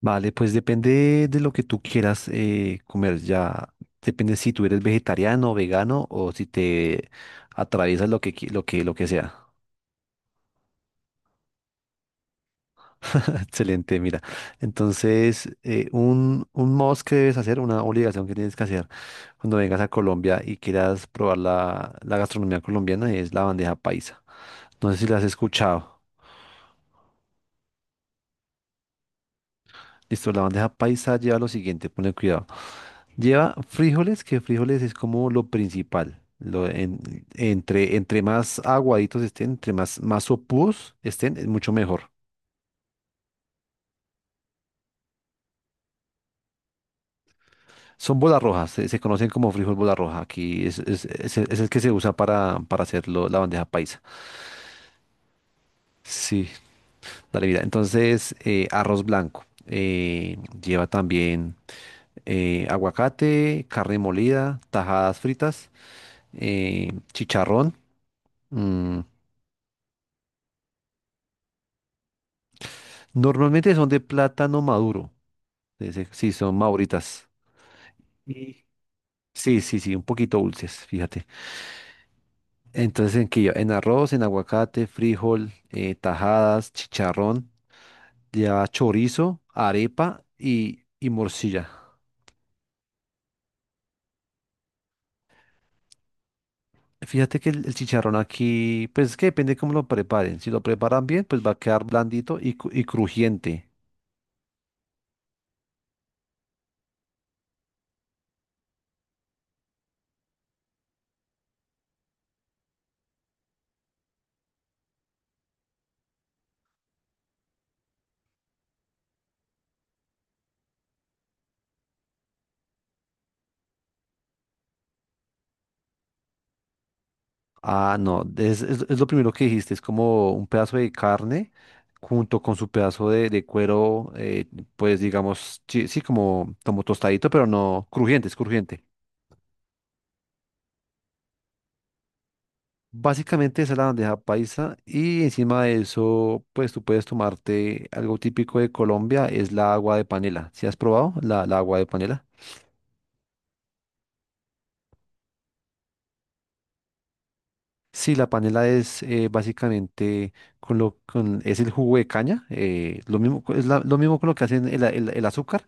Vale, pues depende de lo que tú quieras comer. Ya depende si tú eres vegetariano o vegano o si te atraviesas lo que sea. Excelente, mira. Entonces, un must que debes hacer, una obligación que tienes que hacer cuando vengas a Colombia y quieras probar la gastronomía colombiana es la bandeja paisa. No sé si la has escuchado. Listo, la bandeja paisa lleva lo siguiente, ponle cuidado. Lleva frijoles, que frijoles es como lo principal. Entre más aguaditos estén, más sopúos estén, es mucho mejor. Son bolas rojas, se conocen como frijol bola roja. Aquí es el que se usa para hacer la bandeja paisa. Sí, dale, mira. Entonces, arroz blanco. Lleva también aguacate, carne molida, tajadas fritas, chicharrón. mm, Normalmente son de plátano maduro. Sí, sí, sí, son mauritas. Y sí, sí, sí, un poquito dulces, fíjate. Entonces, ¿en qué lleva? En arroz, en aguacate, frijol, tajadas, chicharrón, lleva chorizo, arepa y morcilla. Fíjate que el chicharrón aquí, pues es que depende cómo lo preparen. Si lo preparan bien, pues va a quedar blandito y crujiente. Ah, no, es lo primero que dijiste, es como un pedazo de carne junto con su pedazo de cuero, pues digamos, sí, sí, como, como tostadito, pero no crujiente, es crujiente. Básicamente esa es la bandeja paisa y encima de eso, pues tú puedes tomarte algo típico de Colombia, es la agua de panela. ¿Sí has probado la agua de panela? Sí, la panela es básicamente es el jugo de caña, lo mismo co- es la- lo mismo con lo que hacen el azúcar,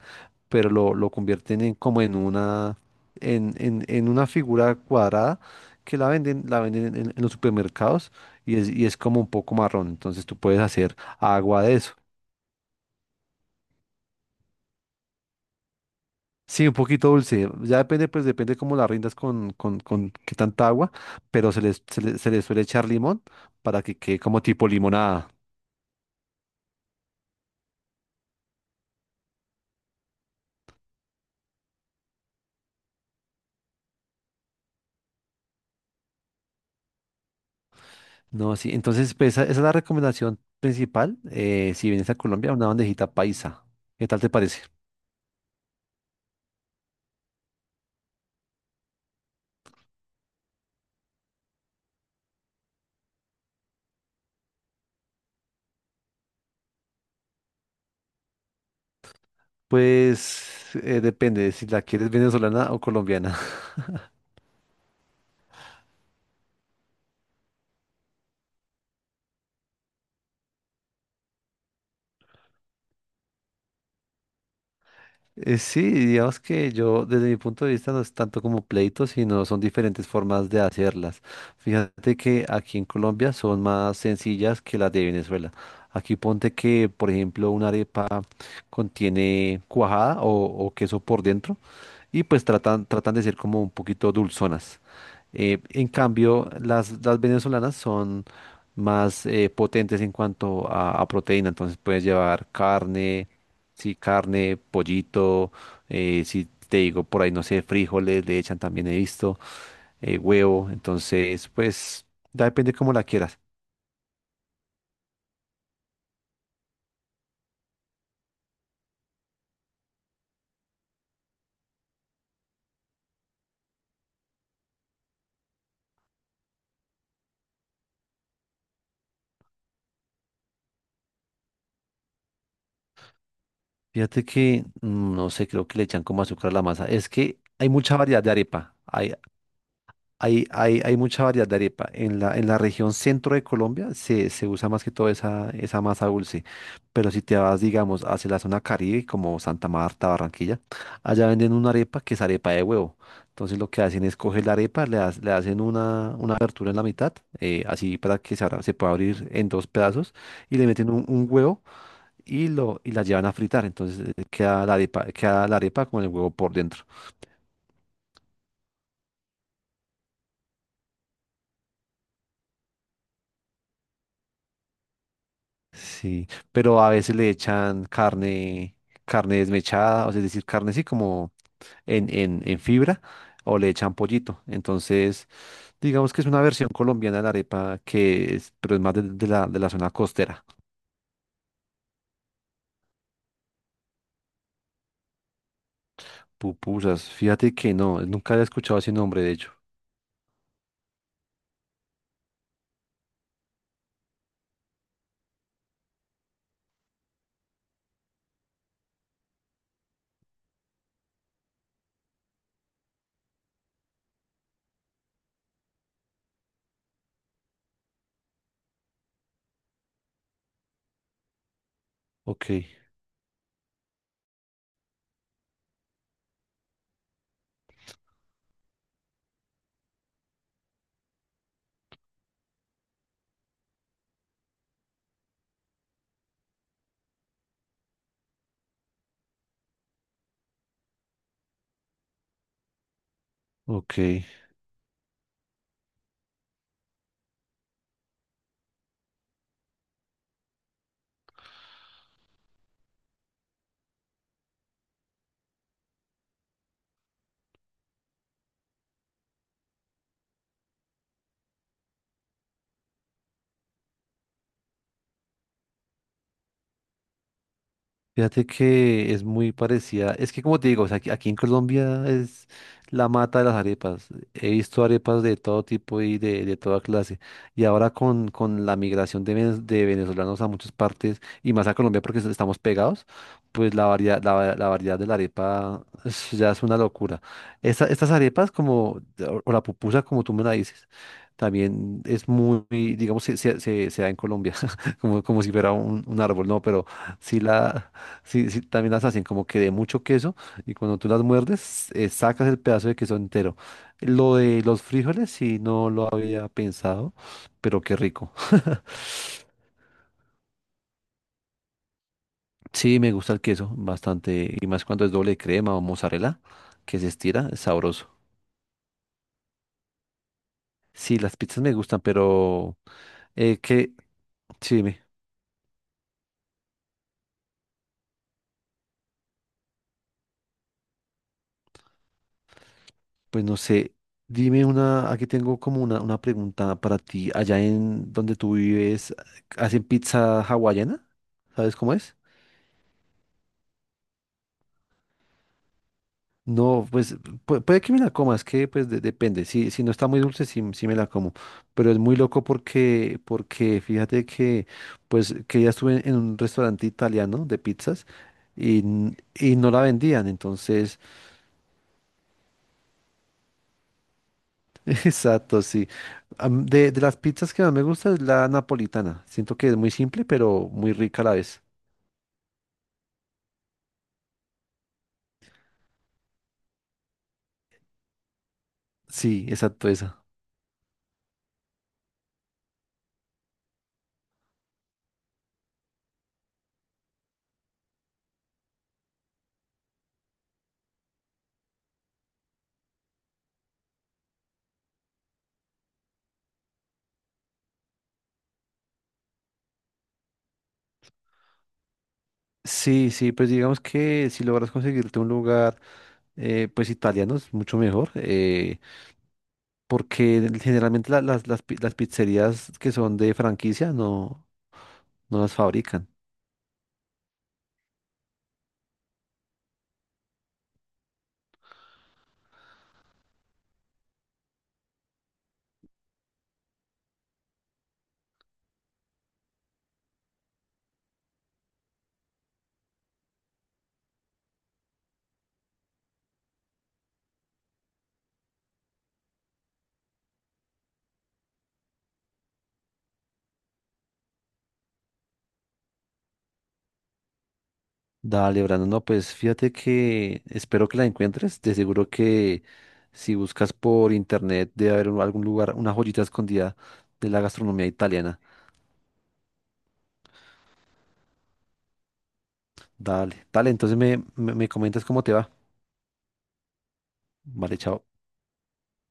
pero lo convierten en como en una en una figura cuadrada que la venden en los supermercados y es como un poco marrón, entonces tú puedes hacer agua de eso. Sí, un poquito dulce, ya depende pues depende cómo la rindas con qué tanta agua, pero se les suele echar limón para que quede como tipo limonada. No, sí, entonces pues esa es la recomendación principal. Eh, si vienes a Colombia, una bandejita paisa. ¿Qué tal te parece? Pues depende si la quieres venezolana o colombiana. Sí, digamos que yo desde mi punto de vista no es tanto como pleito, sino son diferentes formas de hacerlas. Fíjate que aquí en Colombia son más sencillas que las de Venezuela. Aquí ponte que, por ejemplo, una arepa contiene cuajada o queso por dentro y pues tratan de ser como un poquito dulzonas. En cambio, las venezolanas son más potentes en cuanto a proteína, entonces puedes llevar carne, sí, carne, pollito, si te digo por ahí, no sé, frijoles, le echan también, he visto, huevo, entonces pues ya depende cómo la quieras. Fíjate que, mm, no sé, creo que le echan como azúcar a la masa, es que hay mucha variedad de arepa, hay mucha variedad de arepa. En en la región centro de Colombia se usa más que todo esa masa dulce. Pero si te vas, digamos, hacia la zona Caribe, como Santa Marta, Barranquilla, allá venden una arepa que es arepa de huevo. Entonces lo que hacen es coger la arepa, le hacen una abertura en la mitad, así para que se pueda abrir en dos pedazos, y le meten un huevo y la llevan a fritar. Entonces queda la arepa con el huevo por dentro. Sí, pero a veces le echan carne, carne desmechada, o sea, es decir, carne así como en fibra, o le echan pollito. Entonces, digamos que es una versión colombiana de la arepa que es, pero es más de de la zona costera. Pupusas, fíjate que no, nunca había escuchado ese nombre, de hecho. Ok, ok. Fíjate que es muy parecida. Es que como te digo, o sea, aquí en Colombia es la mata de las arepas. He visto arepas de todo tipo y de toda clase. Y ahora con la migración de, de venezolanos a muchas partes y más a Colombia porque so- estamos pegados, pues la variedad de la arepa ya es una locura. Estas arepas como, o la pupusa como tú me la dices, también es muy, digamos, se da en Colombia, como, como si fuera un árbol, ¿no? Pero sí la... Sí, sí, también las hacen como que de mucho queso y cuando tú las muerdes, sacas el pedazo de queso entero. Lo de los frijoles, sí, no lo había pensado, pero qué rico. Sí, me gusta el queso bastante y más cuando es doble crema o mozzarella, que se estira, es sabroso. Sí, las pizzas me gustan, pero eh, que, sí, dime, pues no sé, dime una, aquí tengo como una pregunta para ti. Allá en donde tú vives, ¿hacen pizza hawaiana? ¿Sabes cómo es? No, pues puede que me la coma, es que pues depende. Si no está muy dulce, sí, sí me la como. Pero es muy loco porque fíjate que pues que ya estuve en un restaurante italiano de pizzas y no la vendían. Entonces, exacto, sí. De las pizzas que más me gusta es la napolitana. Siento que es muy simple, pero muy rica a la vez. Sí, exacto, esa. Sí, sí, pues digamos que si logras conseguirte un lugar, pues italiano es mucho mejor. Eh, porque generalmente las pizzerías que son de franquicia no, no las fabrican. Dale, Brandon, no, pues fíjate que espero que la encuentres. De seguro que si buscas por internet debe haber algún lugar, una joyita escondida de la gastronomía italiana. Dale, dale, entonces me comentas cómo te va. Vale, chao.